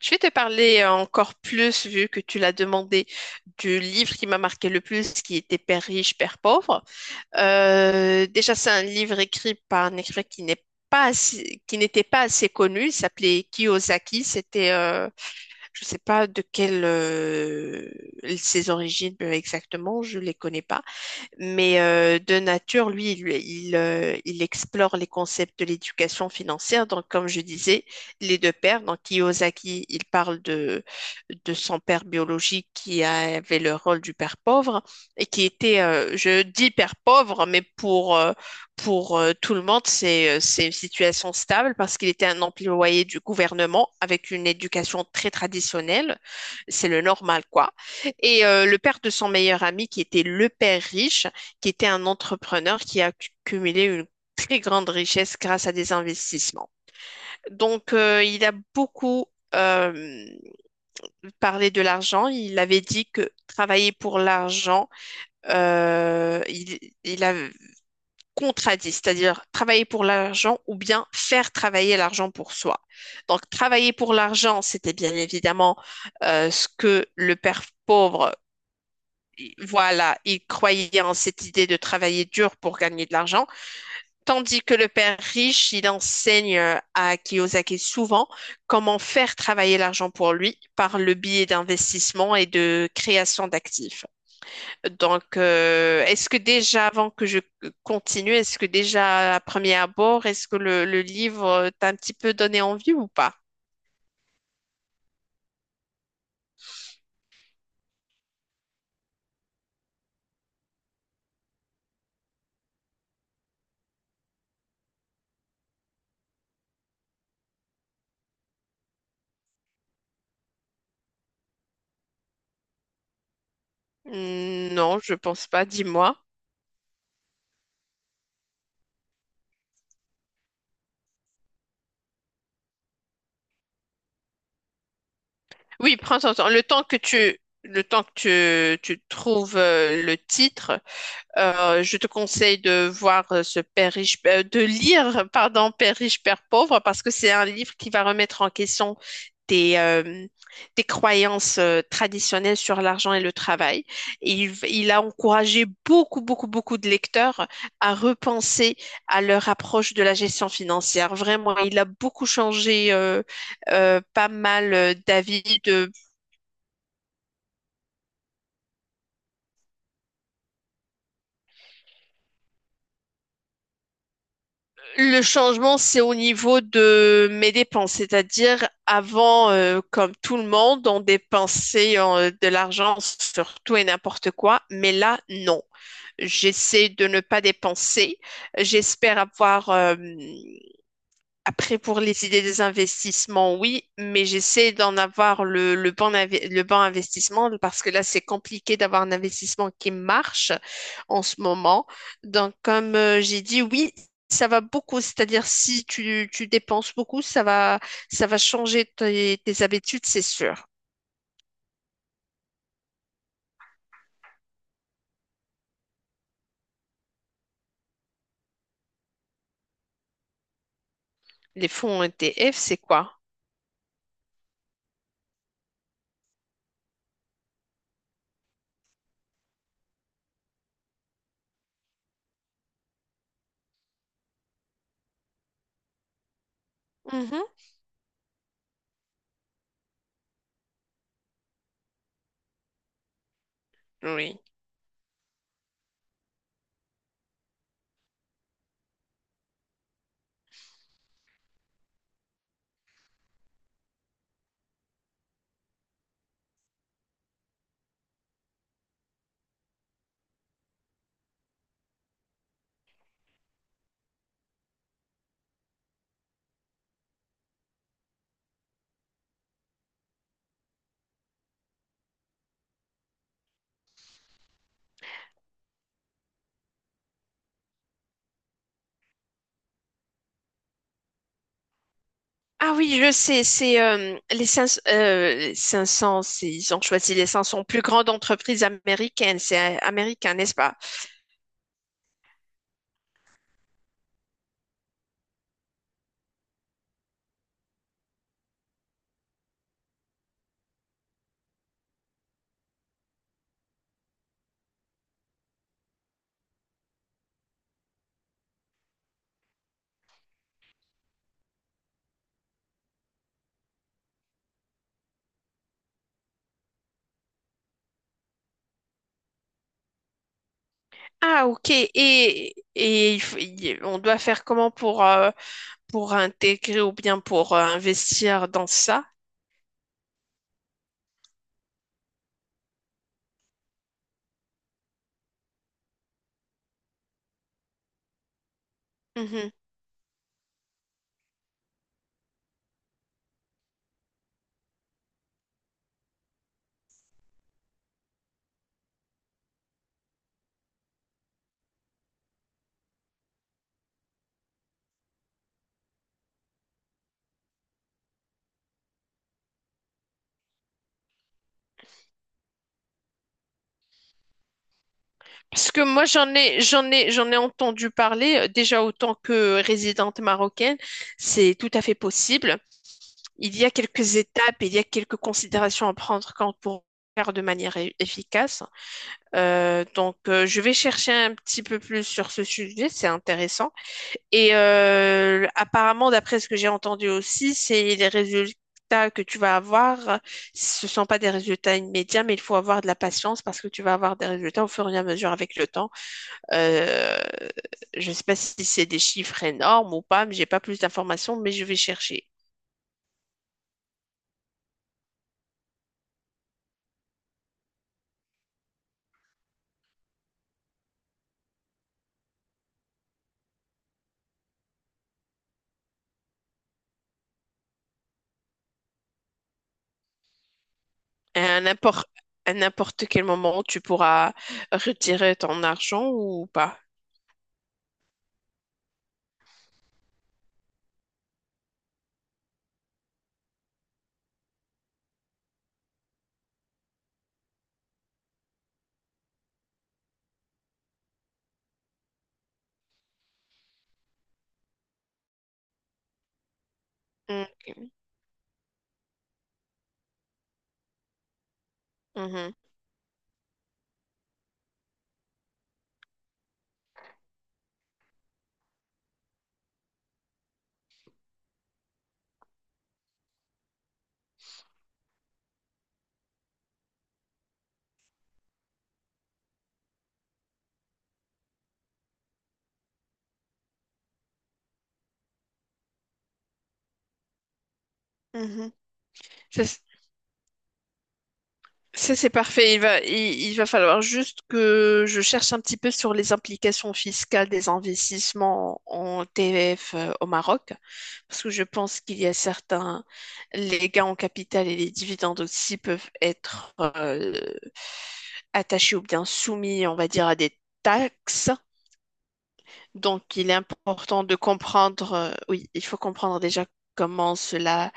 Je vais te parler encore plus, vu que tu l'as demandé, du livre qui m'a marqué le plus, qui était Père riche, Père pauvre. Déjà, c'est un livre écrit par un écrivain qui n'est pas assez- qui n'était pas assez connu. Il s'appelait Kiyosaki. Je ne sais pas de quelle ses origines exactement. Je ne les connais pas. Mais de nature, lui, il explore les concepts de l'éducation financière. Donc, comme je disais, les deux pères, donc Kiyosaki, il parle de son père biologique qui avait le rôle du père pauvre et qui était, je dis père pauvre, mais pour tout le monde, c'est une situation stable parce qu'il était un employé du gouvernement avec une éducation très traditionnelle. C'est le normal, quoi. Et le père de son meilleur ami, qui était le père riche, qui était un entrepreneur qui a accumulé une très grande richesse grâce à des investissements. Donc, il a beaucoup euh, parlé de l'argent. Il avait dit que travailler pour l'argent, il a contradit, c'est-à-dire travailler pour l'argent ou bien faire travailler l'argent pour soi. Donc, travailler pour l'argent, c'était bien évidemment ce que le père pauvre voilà, il croyait en cette idée de travailler dur pour gagner de l'argent, tandis que le père riche, il enseigne à Kiyosaki souvent comment faire travailler l'argent pour lui par le biais d'investissement et de création d'actifs. Donc, est-ce que déjà, avant que je continue, est-ce que déjà à premier abord, est-ce que le livre t'a un petit peu donné envie ou pas? Hmm. Non, je pense pas, dis-moi. Oui, prends ton temps. Le temps que le temps que tu trouves le titre, je te conseille de voir ce Père riche, de lire, pardon, Père riche, Père pauvre, parce que c'est un livre qui va remettre en question tes, euh, tes croyances traditionnelles sur l'argent et le travail. Et il a encouragé beaucoup, beaucoup, beaucoup de lecteurs à repenser à leur approche de la gestion financière. Vraiment, il a beaucoup changé pas mal d'avis de. Le changement, c'est au niveau de mes dépenses, c'est-à-dire avant, comme tout le monde, on dépensait de l'argent sur tout et n'importe quoi, mais là, non. J'essaie de ne pas dépenser. J'espère avoir Après, pour les idées des investissements, oui, mais j'essaie d'en avoir le le bon investissement parce que là, c'est compliqué d'avoir un investissement qui marche en ce moment. Donc, comme j'ai dit, oui, ça va beaucoup. C'est-à-dire, si tu dépenses beaucoup, ça va changer tes habitudes, c'est sûr. Les fonds ETF, c'est quoi? Mhm, oui. Ah oui, je sais, c'est les 500, ils ont choisi les 500 plus grandes entreprises américaines, c'est américain, n'est-ce pas? Ah ok, et il on doit faire comment pour intégrer ou bien pour investir dans ça? Mhm. Parce que moi j'en ai entendu parler déjà autant que résidente marocaine, c'est tout à fait possible. Il y a quelques étapes, il y a quelques considérations à prendre quand pour faire de manière efficace. Donc, je vais chercher un petit peu plus sur ce sujet, c'est intéressant. Et apparemment, d'après ce que j'ai entendu aussi, c'est les résultats que tu vas avoir, ce ne sont pas des résultats immédiats, mais il faut avoir de la patience parce que tu vas avoir des résultats au fur et à mesure avec le temps. Euh, je ne sais pas si c'est des chiffres énormes ou pas, mais j'ai pas plus d'informations, mais je vais chercher. Et à n'importe quel moment, tu pourras retirer ton argent ou pas. Mm, mhm, mhm. Ça, c- Ça, c'est parfait. Il va falloir juste que je cherche un petit peu sur les implications fiscales des investissements en TF au Maroc, parce que je pense qu'il y a certains, les gains en capital et les dividendes aussi peuvent être attachés ou bien soumis, on va dire, à des taxes. Donc, il est important de comprendre, oui, il faut comprendre déjà comment cela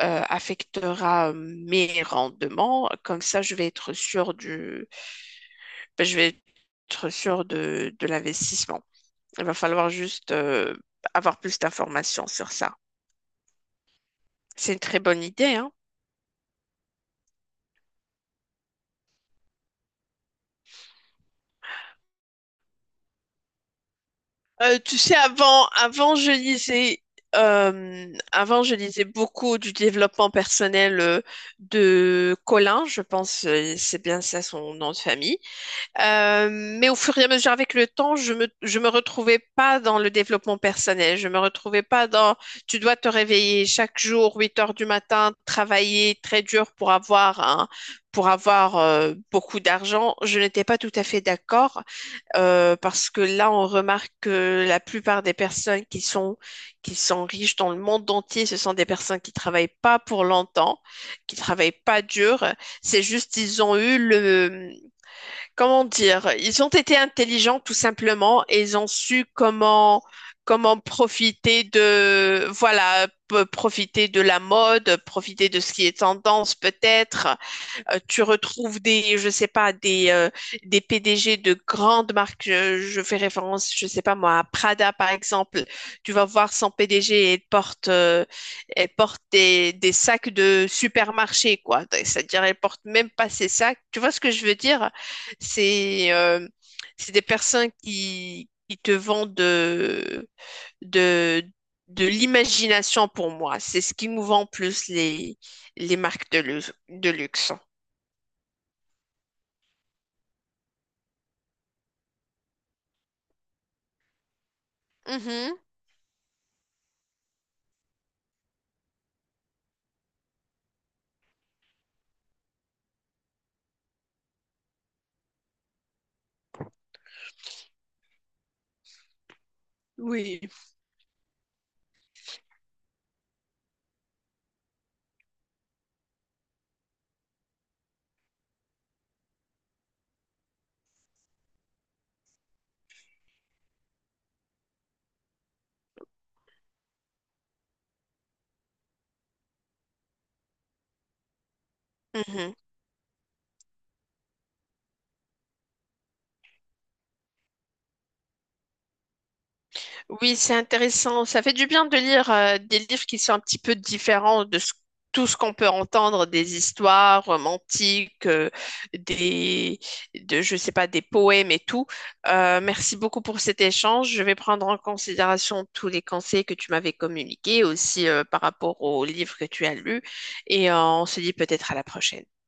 affectera mes rendements. Comme ça, je vais être sûr de l'investissement. Il va falloir juste avoir plus d'informations sur ça. C'est une très bonne idée, hein. Tu sais, avant, avant, je lisais beaucoup du développement personnel de Colin. Je pense, c'est bien ça son nom de famille. Mais au fur et à mesure avec le temps, je me retrouvais pas dans le développement personnel. Je me retrouvais pas dans, tu dois te réveiller chaque jour, 8 heures du matin, travailler très dur pour avoir pour avoir beaucoup d'argent. Je n'étais pas tout à fait d'accord parce que là, on remarque que la plupart des personnes qui sont riches dans le monde entier, ce sont des personnes qui travaillent pas pour longtemps, qui travaillent pas dur. C'est juste, ils ont eu le, comment dire, ils ont été intelligents tout simplement et ils ont su comment profiter de, profiter de la mode, profiter de ce qui est tendance peut-être. Tu retrouves des, je sais pas, des PDG de grandes marques. Je fais référence, je sais pas moi, à Prada par exemple. Tu vas voir son PDG, elle porte des sacs de supermarché, quoi. C'est-à-dire, elle porte même pas ses sacs. Tu vois ce que je veux dire? C'est, euh, c'est des personnes qui te vendent de, de l'imagination pour moi. C'est ce qui nous vend plus les marques de luxe. Mhm. Oui. Mhm. Oui, c'est intéressant. Ça fait du bien de lire des livres qui sont un petit peu différents de ce- tout ce qu'on peut entendre, des histoires romantiques, des, je sais pas, des poèmes et tout. Merci beaucoup pour cet échange. Je vais prendre en considération tous les conseils que tu m'avais communiqués aussi par rapport aux livres que tu as lus et on se dit peut-être à la prochaine.